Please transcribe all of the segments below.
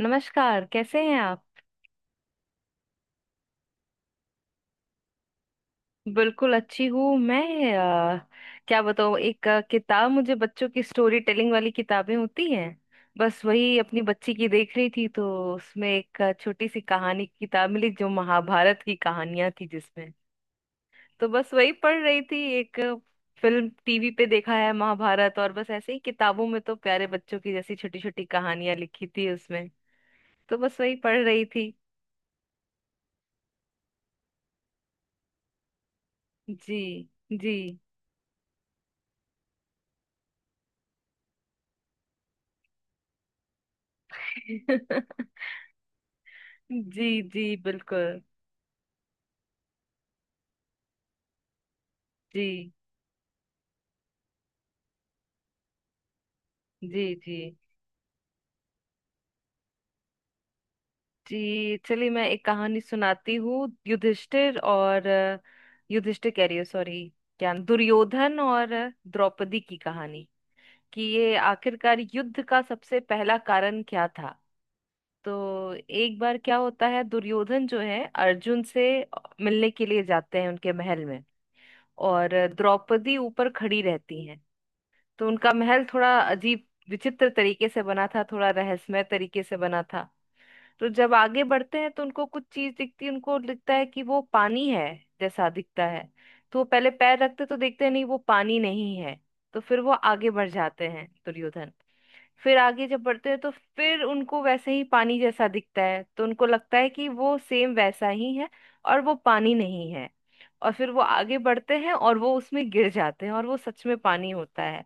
नमस्कार, कैसे हैं आप? बिल्कुल अच्छी हूँ मैं। अ, क्या बताऊँ, एक किताब, मुझे बच्चों की स्टोरी टेलिंग वाली किताबें होती हैं, बस वही अपनी बच्ची की देख रही थी, तो उसमें एक छोटी सी कहानी की किताब मिली जो महाभारत की कहानियां थी जिसमें, तो बस वही पढ़ रही थी। एक फिल्म टीवी पे देखा है महाभारत, और बस ऐसे ही किताबों में तो प्यारे बच्चों की जैसी छोटी छोटी कहानियां लिखी थी उसमें, तो बस वही पढ़ रही थी। जी जी। जी जी बिल्कुल। जी जी। जी जी। चलिए मैं एक कहानी सुनाती हूँ। युधिष्ठिर और युधिष्ठिर कह रही हूँ, सॉरी, क्या दुर्योधन और द्रौपदी की कहानी, कि ये आखिरकार युद्ध का सबसे पहला कारण क्या था। तो एक बार क्या होता है, दुर्योधन जो है अर्जुन से मिलने के लिए जाते हैं उनके महल में, और द्रौपदी ऊपर खड़ी रहती हैं। तो उनका महल थोड़ा अजीब, विचित्र तरीके से बना था, थोड़ा रहस्यमय तरीके से बना था। तो जब आगे बढ़ते हैं तो उनको कुछ चीज दिखती है, उनको लगता है कि वो पानी है जैसा दिखता है। तो वो पहले पैर रखते तो देखते हैं नहीं, वो पानी नहीं है। तो फिर वो आगे बढ़ जाते हैं दुर्योधन। फिर आगे जब बढ़ते हैं तो फिर उनको वैसे ही पानी जैसा दिखता है, तो उनको लगता है कि वो सेम वैसा ही है और वो पानी नहीं है। और फिर वो आगे बढ़ते हैं और वो उसमें गिर जाते हैं और वो सच में पानी होता है।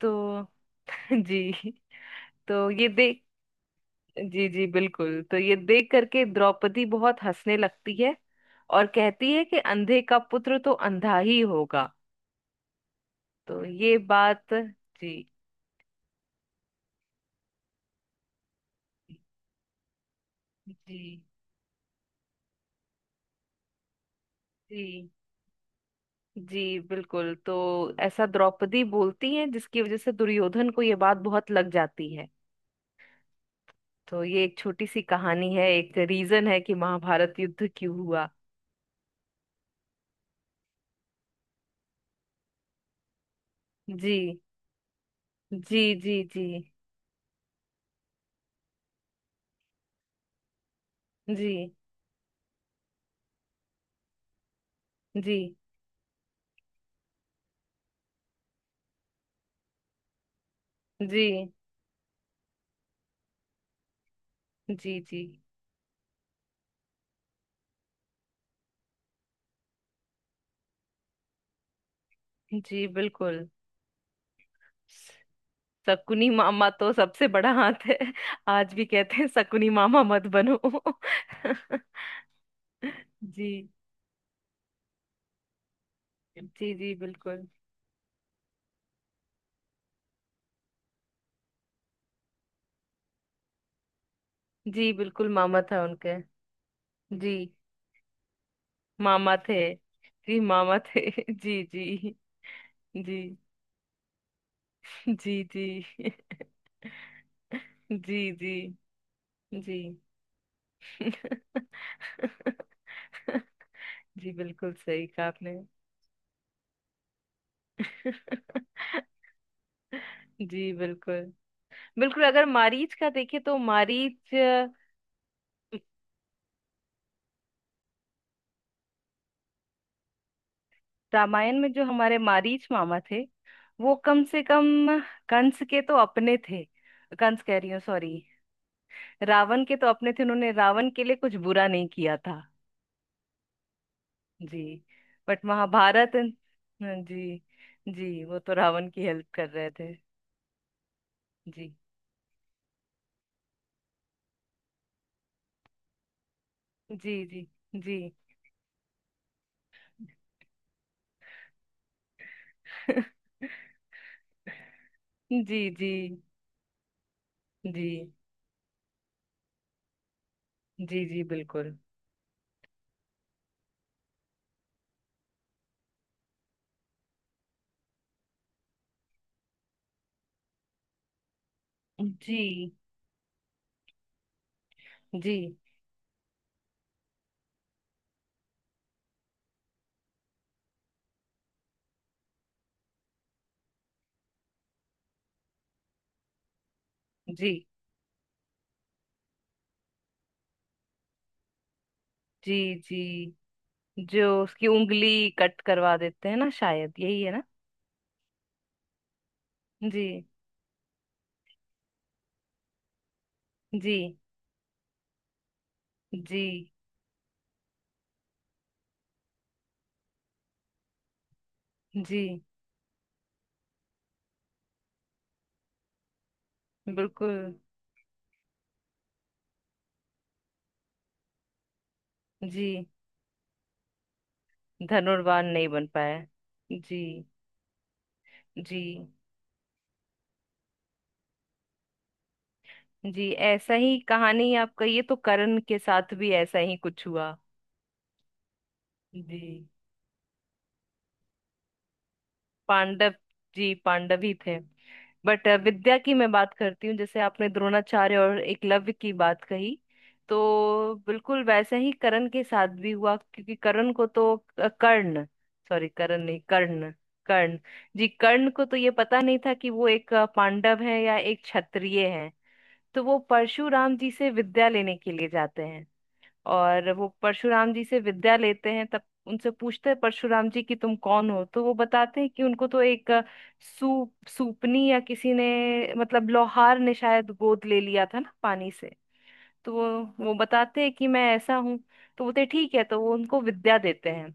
तो जी। तो ये देख, जी जी बिल्कुल, तो ये देख करके द्रौपदी बहुत हंसने लगती है और कहती है कि अंधे का पुत्र तो अंधा ही होगा। तो ये बात। जी। जी जी जी बिल्कुल, तो ऐसा द्रौपदी बोलती है जिसकी वजह से दुर्योधन को ये बात बहुत लग जाती है। तो ये एक छोटी सी कहानी है, एक रीजन है कि महाभारत युद्ध क्यों हुआ। जी जी जी जी। जी। जी जी जी जी। जी बिल्कुल। शकुनी मामा तो सबसे बड़ा हाथ है। आज भी कहते हैं शकुनी मामा मत बनो। जी जी। जी बिल्कुल। जी बिल्कुल मामा था उनके। जी मामा थे। जी मामा थे। जी जी। जी जी। जी। जी जी। जी। जी बिल्कुल सही कहा आपने। जी बिल्कुल। बिल्कुल अगर मारीच का देखे तो मारीच, रामायण में जो हमारे मारीच मामा थे, वो कम से कम कंस के तो अपने थे। कंस कह रही हूँ, सॉरी, रावण के तो अपने थे, उन्होंने रावण के लिए कुछ बुरा नहीं किया था। जी। बट महाभारत, हाँ, जी। जी वो तो रावण की हेल्प कर रहे थे। जी। जी जी। जी जी। जी। जी जी। जी बिल्कुल। जी जी। जी जी। जी। जो उसकी उंगली कट करवा देते हैं ना, शायद यही है ना। जी। जी। जी जी बिल्कुल। जी। धनुर्वान नहीं बन पाया। जी जी। जी। ऐसा ही कहानी आपका, ये तो कर्ण के साथ भी ऐसा ही कुछ हुआ। जी, पांडव। जी पांडव ही थे। बट विद्या की मैं बात करती हूँ, जैसे आपने द्रोणाचार्य और एकलव्य की बात कही, तो बिल्कुल वैसे ही कर्ण के साथ भी हुआ, क्योंकि कर्ण को तो कर्ण सॉरी, कर्ण नहीं, कर्ण, कर्ण। जी कर्ण को तो ये पता नहीं था कि वो एक पांडव है या एक क्षत्रिय है। तो वो परशुराम जी से विद्या लेने के लिए जाते हैं, और वो परशुराम जी से विद्या लेते हैं, तब उनसे पूछते हैं परशुराम जी कि तुम कौन हो। तो वो बताते हैं कि उनको तो एक सूपनी या किसी ने मतलब लोहार ने शायद गोद ले लिया था ना पानी से। तो वो बताते हैं कि मैं ऐसा हूँ। तो बोलते हैं, ठीक है, तो वो उनको विद्या देते हैं।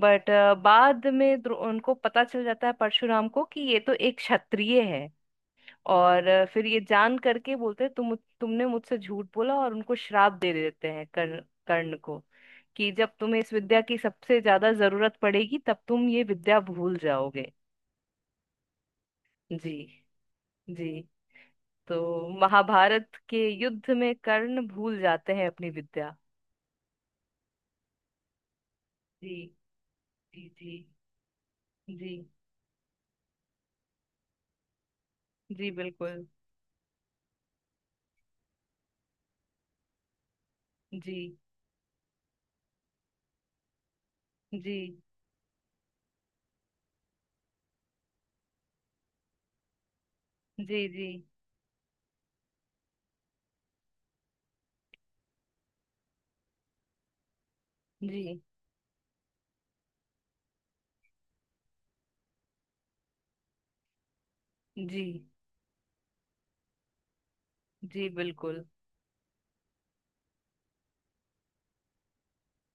बट बाद में उनको पता चल जाता है परशुराम को कि ये तो एक क्षत्रिय है। और फिर ये जान करके बोलते हैं तुमने मुझसे झूठ बोला, और उनको श्राप दे देते हैं, कर्ण, कर्ण को, कि जब तुम्हें इस विद्या की सबसे ज्यादा जरूरत पड़ेगी तब तुम ये विद्या भूल जाओगे। जी जी। तो महाभारत के युद्ध में कर्ण भूल जाते हैं अपनी विद्या। जी जी जी। जी जी बिल्कुल। जी जी। जी जी। जी जी जी बिल्कुल।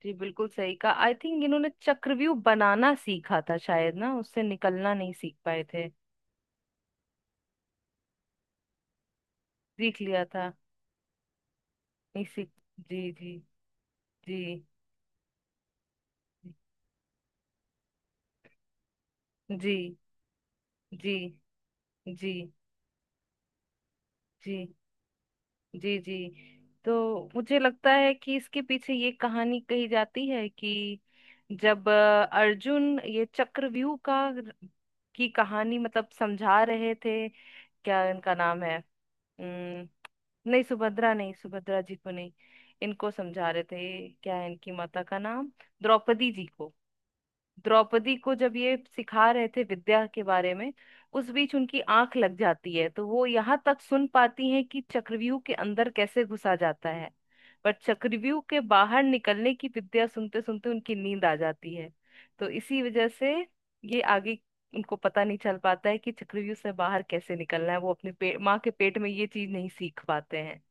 जी बिल्कुल सही कहा, आई थिंक इन्होंने चक्रव्यूह बनाना सीखा था शायद ना, उससे निकलना नहीं सीख पाए थे। सीख लिया था। नहीं सीख। जी जी। जी जी जी। जी जी। जी। जी तो मुझे लगता है कि इसके पीछे ये कहानी कही जाती है कि जब अर्जुन ये चक्रव्यूह का की कहानी मतलब समझा रहे थे, क्या इनका नाम है। नहीं सुभद्रा नहीं, सुभद्रा जी को नहीं, इनको समझा रहे थे, क्या है इनकी माता का नाम, द्रौपदी जी को। द्रौपदी को जब ये सिखा रहे थे विद्या के बारे में, उस बीच उनकी आंख लग जाती है, तो वो यहाँ तक सुन पाती हैं कि चक्रव्यूह के अंदर कैसे घुसा जाता है। पर चक्रव्यूह के बाहर निकलने की विद्या सुनते सुनते उनकी नींद आ जाती है। तो इसी वजह से ये आगे उनको पता नहीं चल पाता है कि चक्रव्यूह से बाहर कैसे निकलना है, वो माँ के पेट में ये चीज नहीं सीख पाते हैं।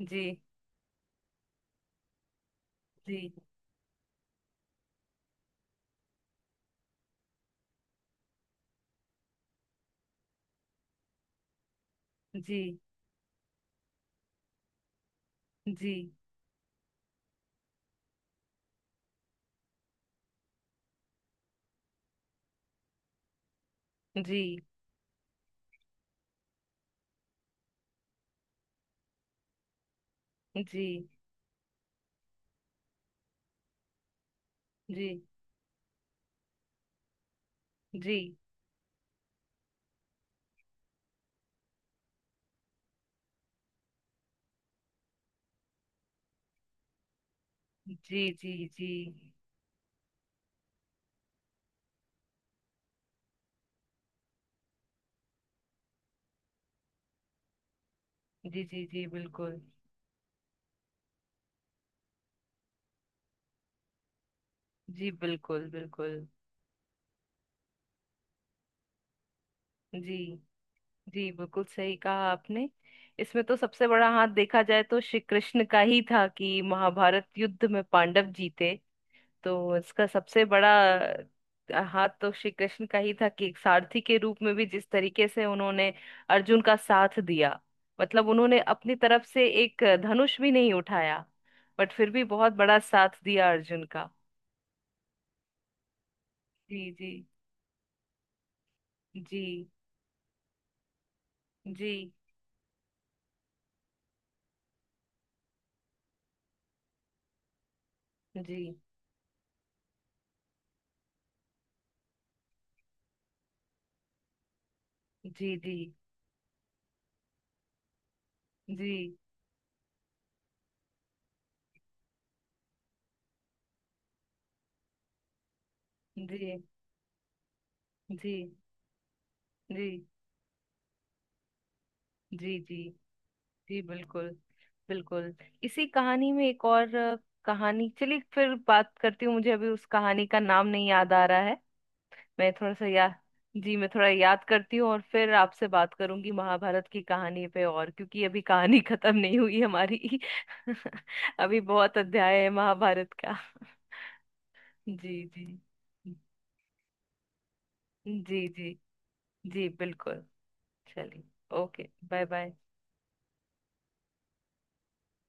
जी जी जी जी जी जी जी जी जी जी जी जी जी। जी बिल्कुल। जी बिल्कुल बिल्कुल। जी जी बिल्कुल सही कहा आपने। इसमें तो सबसे बड़ा हाथ देखा जाए तो श्री कृष्ण का ही था कि महाभारत युद्ध में पांडव जीते। तो इसका सबसे बड़ा हाथ तो श्री कृष्ण का ही था कि एक सारथी के रूप में भी जिस तरीके से उन्होंने अर्जुन का साथ दिया, मतलब उन्होंने अपनी तरफ से एक धनुष भी नहीं उठाया, बट फिर भी बहुत बड़ा साथ दिया अर्जुन का। जी जी जी जी जी जी जी जी जी जी जी जी जी जी जी बिल्कुल बिल्कुल। इसी कहानी में एक और कहानी, चलिए फिर बात करती हूँ, मुझे अभी उस कहानी का नाम नहीं याद आ रहा है। मैं थोड़ा सा, या जी, मैं थोड़ा याद करती हूँ और फिर आपसे बात करूंगी महाभारत की कहानी पे, और क्योंकि अभी कहानी खत्म नहीं हुई हमारी। अभी बहुत अध्याय है महाभारत का। जी जी जी जी जी जी बिल्कुल। चलिए। Okay, bye bye.